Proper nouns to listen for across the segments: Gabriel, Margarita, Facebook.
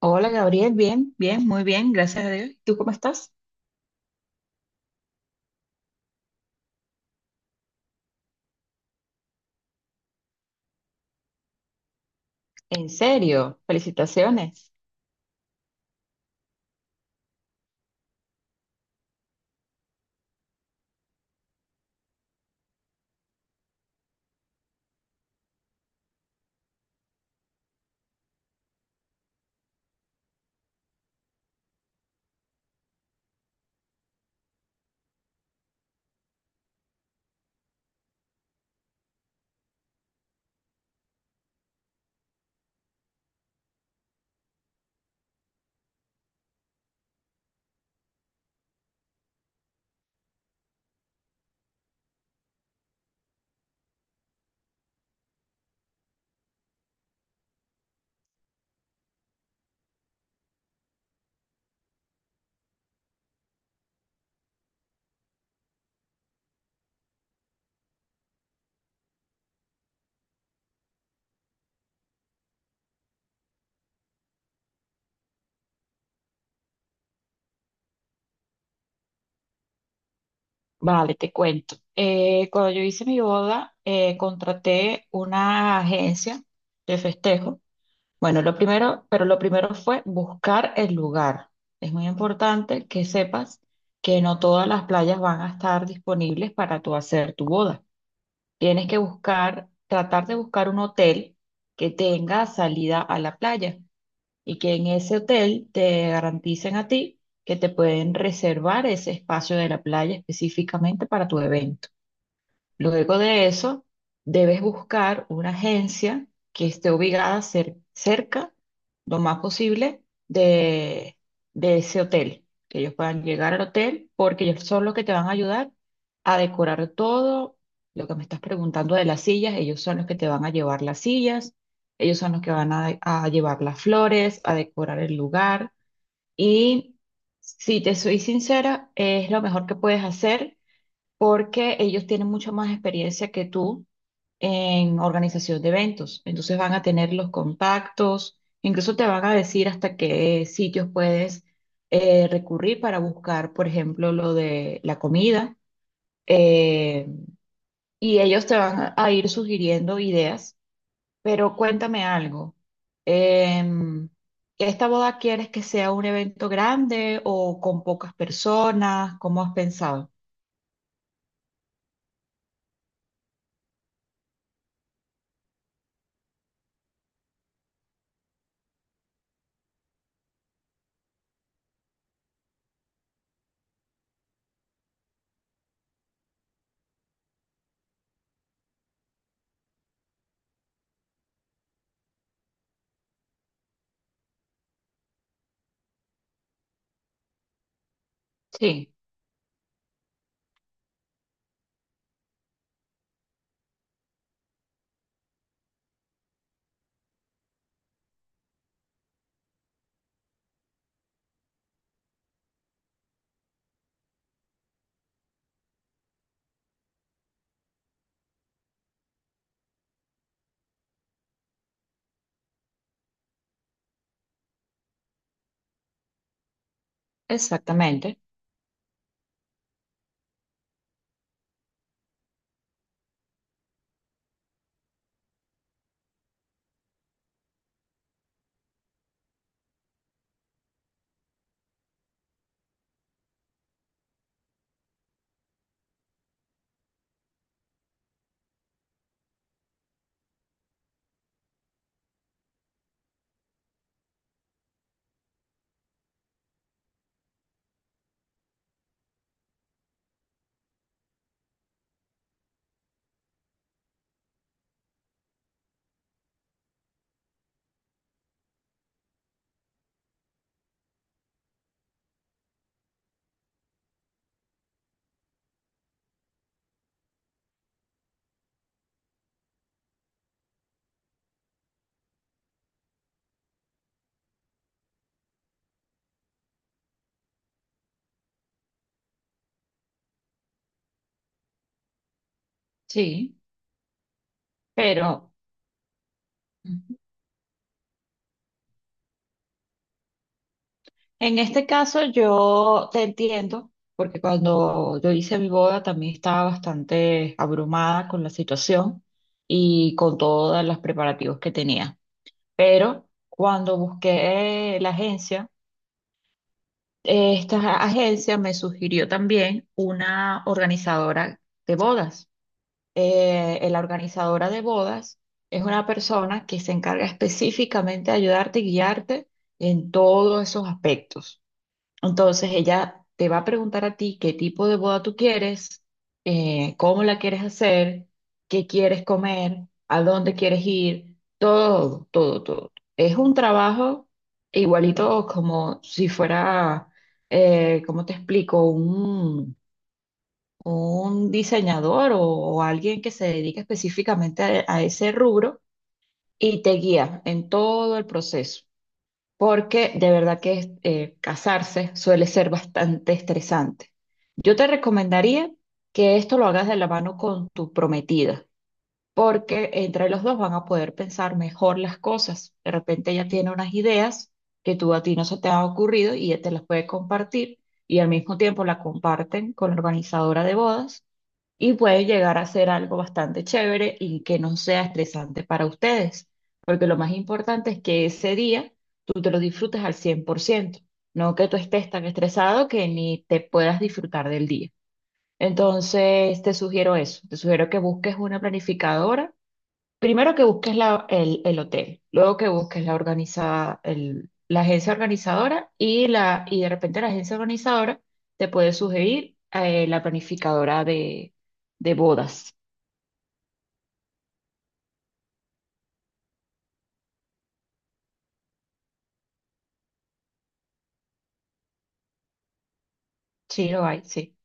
Hola Gabriel, bien, bien, muy bien, gracias a Dios. ¿Tú cómo estás? En serio, felicitaciones. Vale, te cuento. Cuando yo hice mi boda, contraté una agencia de festejo. Bueno, lo primero, pero lo primero fue buscar el lugar. Es muy importante que sepas que no todas las playas van a estar disponibles para tú hacer tu boda. Tienes que buscar, tratar de buscar un hotel que tenga salida a la playa, y que en ese hotel te garanticen a ti que te pueden reservar ese espacio de la playa específicamente para tu evento. Luego de eso, debes buscar una agencia que esté ubicada cerca, lo más posible, de ese hotel, que ellos puedan llegar al hotel, porque ellos son los que te van a ayudar a decorar todo. Lo que me estás preguntando de las sillas, ellos son los que te van a llevar las sillas, ellos son los que van a llevar las flores, a decorar el lugar. Y si te soy sincera, es lo mejor que puedes hacer porque ellos tienen mucha más experiencia que tú en organización de eventos. Entonces van a tener los contactos, incluso te van a decir hasta qué sitios puedes recurrir para buscar, por ejemplo, lo de la comida. eh, y ellos te van a ir sugiriendo ideas, pero cuéntame algo. em, ¿Esta boda quieres que sea un evento grande o con pocas personas? ¿Cómo has pensado? Sí, exactamente. Sí, pero ujú. En este caso yo te entiendo, porque cuando yo hice mi boda también estaba bastante abrumada con la situación y con todos los preparativos que tenía. Pero cuando busqué la agencia, esta agencia me sugirió también una organizadora de bodas. La organizadora de bodas es una persona que se encarga específicamente de ayudarte y guiarte en todos esos aspectos. Entonces, ella te va a preguntar a ti qué tipo de boda tú quieres, cómo la quieres hacer, qué quieres comer, a dónde quieres ir, todo, todo, todo. Es un trabajo igualito como si fuera, ¿cómo te explico? Un diseñador o alguien que se dedique específicamente a ese rubro y te guía en todo el proceso, porque de verdad que casarse suele ser bastante estresante. Yo te recomendaría que esto lo hagas de la mano con tu prometida, porque entre los dos van a poder pensar mejor las cosas. De repente ella tiene unas ideas que tú a ti no se te ha ocurrido y ella te las puede compartir y al mismo tiempo la comparten con la organizadora de bodas y puede llegar a ser algo bastante chévere y que no sea estresante para ustedes, porque lo más importante es que ese día tú te lo disfrutes al cien por ciento, no que tú estés tan estresado que ni te puedas disfrutar del día. Entonces, te sugiero eso, te sugiero que busques una planificadora. Primero que busques el hotel, luego que busques la la agencia organizadora y y de repente la agencia organizadora te puede sugerir la planificadora de bodas. Sí, lo hay, sí.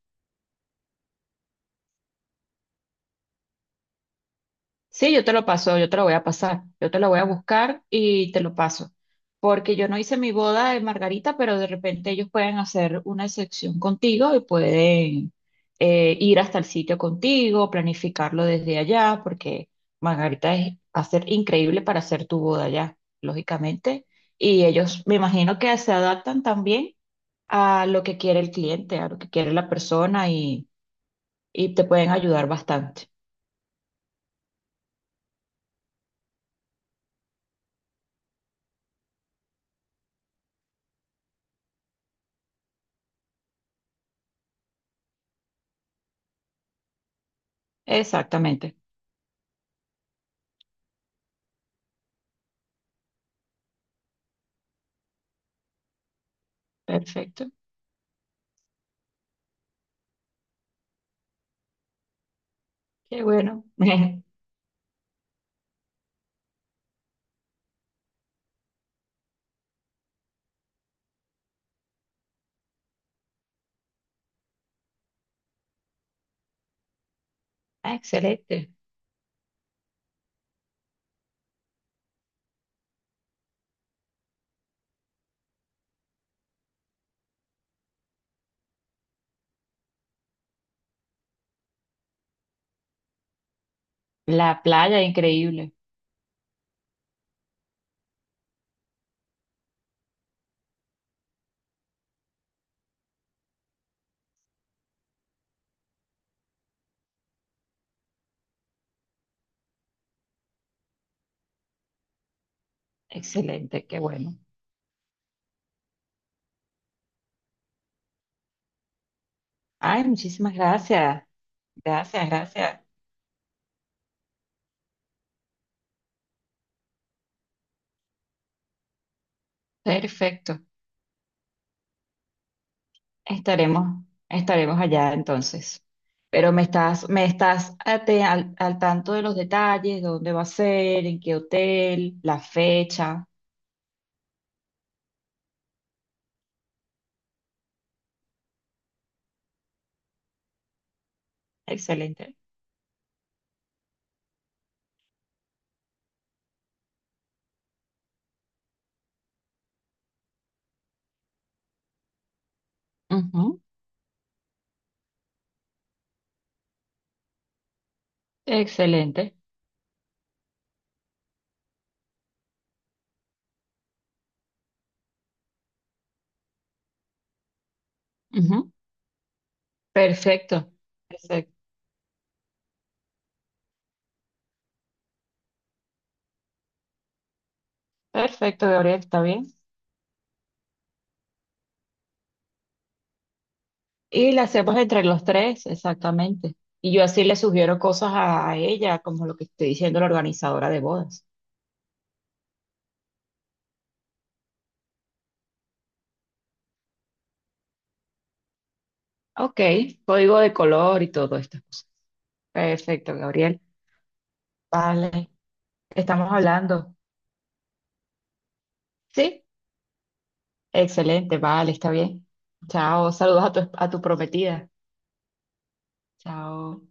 Sí, yo te lo paso, yo te lo voy a pasar, yo te lo voy a buscar y te lo paso. Porque yo no hice mi boda de Margarita, pero de repente ellos pueden hacer una excepción contigo y pueden ir hasta el sitio contigo, planificarlo desde allá, porque Margarita es, va a ser increíble para hacer tu boda allá, lógicamente. Y ellos, me imagino que se adaptan también a lo que quiere el cliente, a lo que quiere la persona y te pueden ayudar bastante. Exactamente. Perfecto. Qué bueno. Ah, excelente. La playa, increíble. Excelente, qué bueno. Ay, muchísimas gracias. Gracias, gracias. Perfecto. Estaremos, estaremos allá entonces. Pero me estás, al tanto de los detalles, dónde va a ser, en qué hotel, la fecha. Excelente. Ujú. Excelente. Ujú. Perfecto. Perfecto. Perfecto, Gabriel, está bien. Y la hacemos entre los tres, exactamente. Y yo así le sugiero cosas a ella, como lo que estoy diciendo la organizadora de bodas. Ok, código de color y todo estas cosas. Perfecto, Gabriel. Vale, estamos hablando. Sí, excelente, vale, está bien. Chao, saludos a a tu prometida. Chao.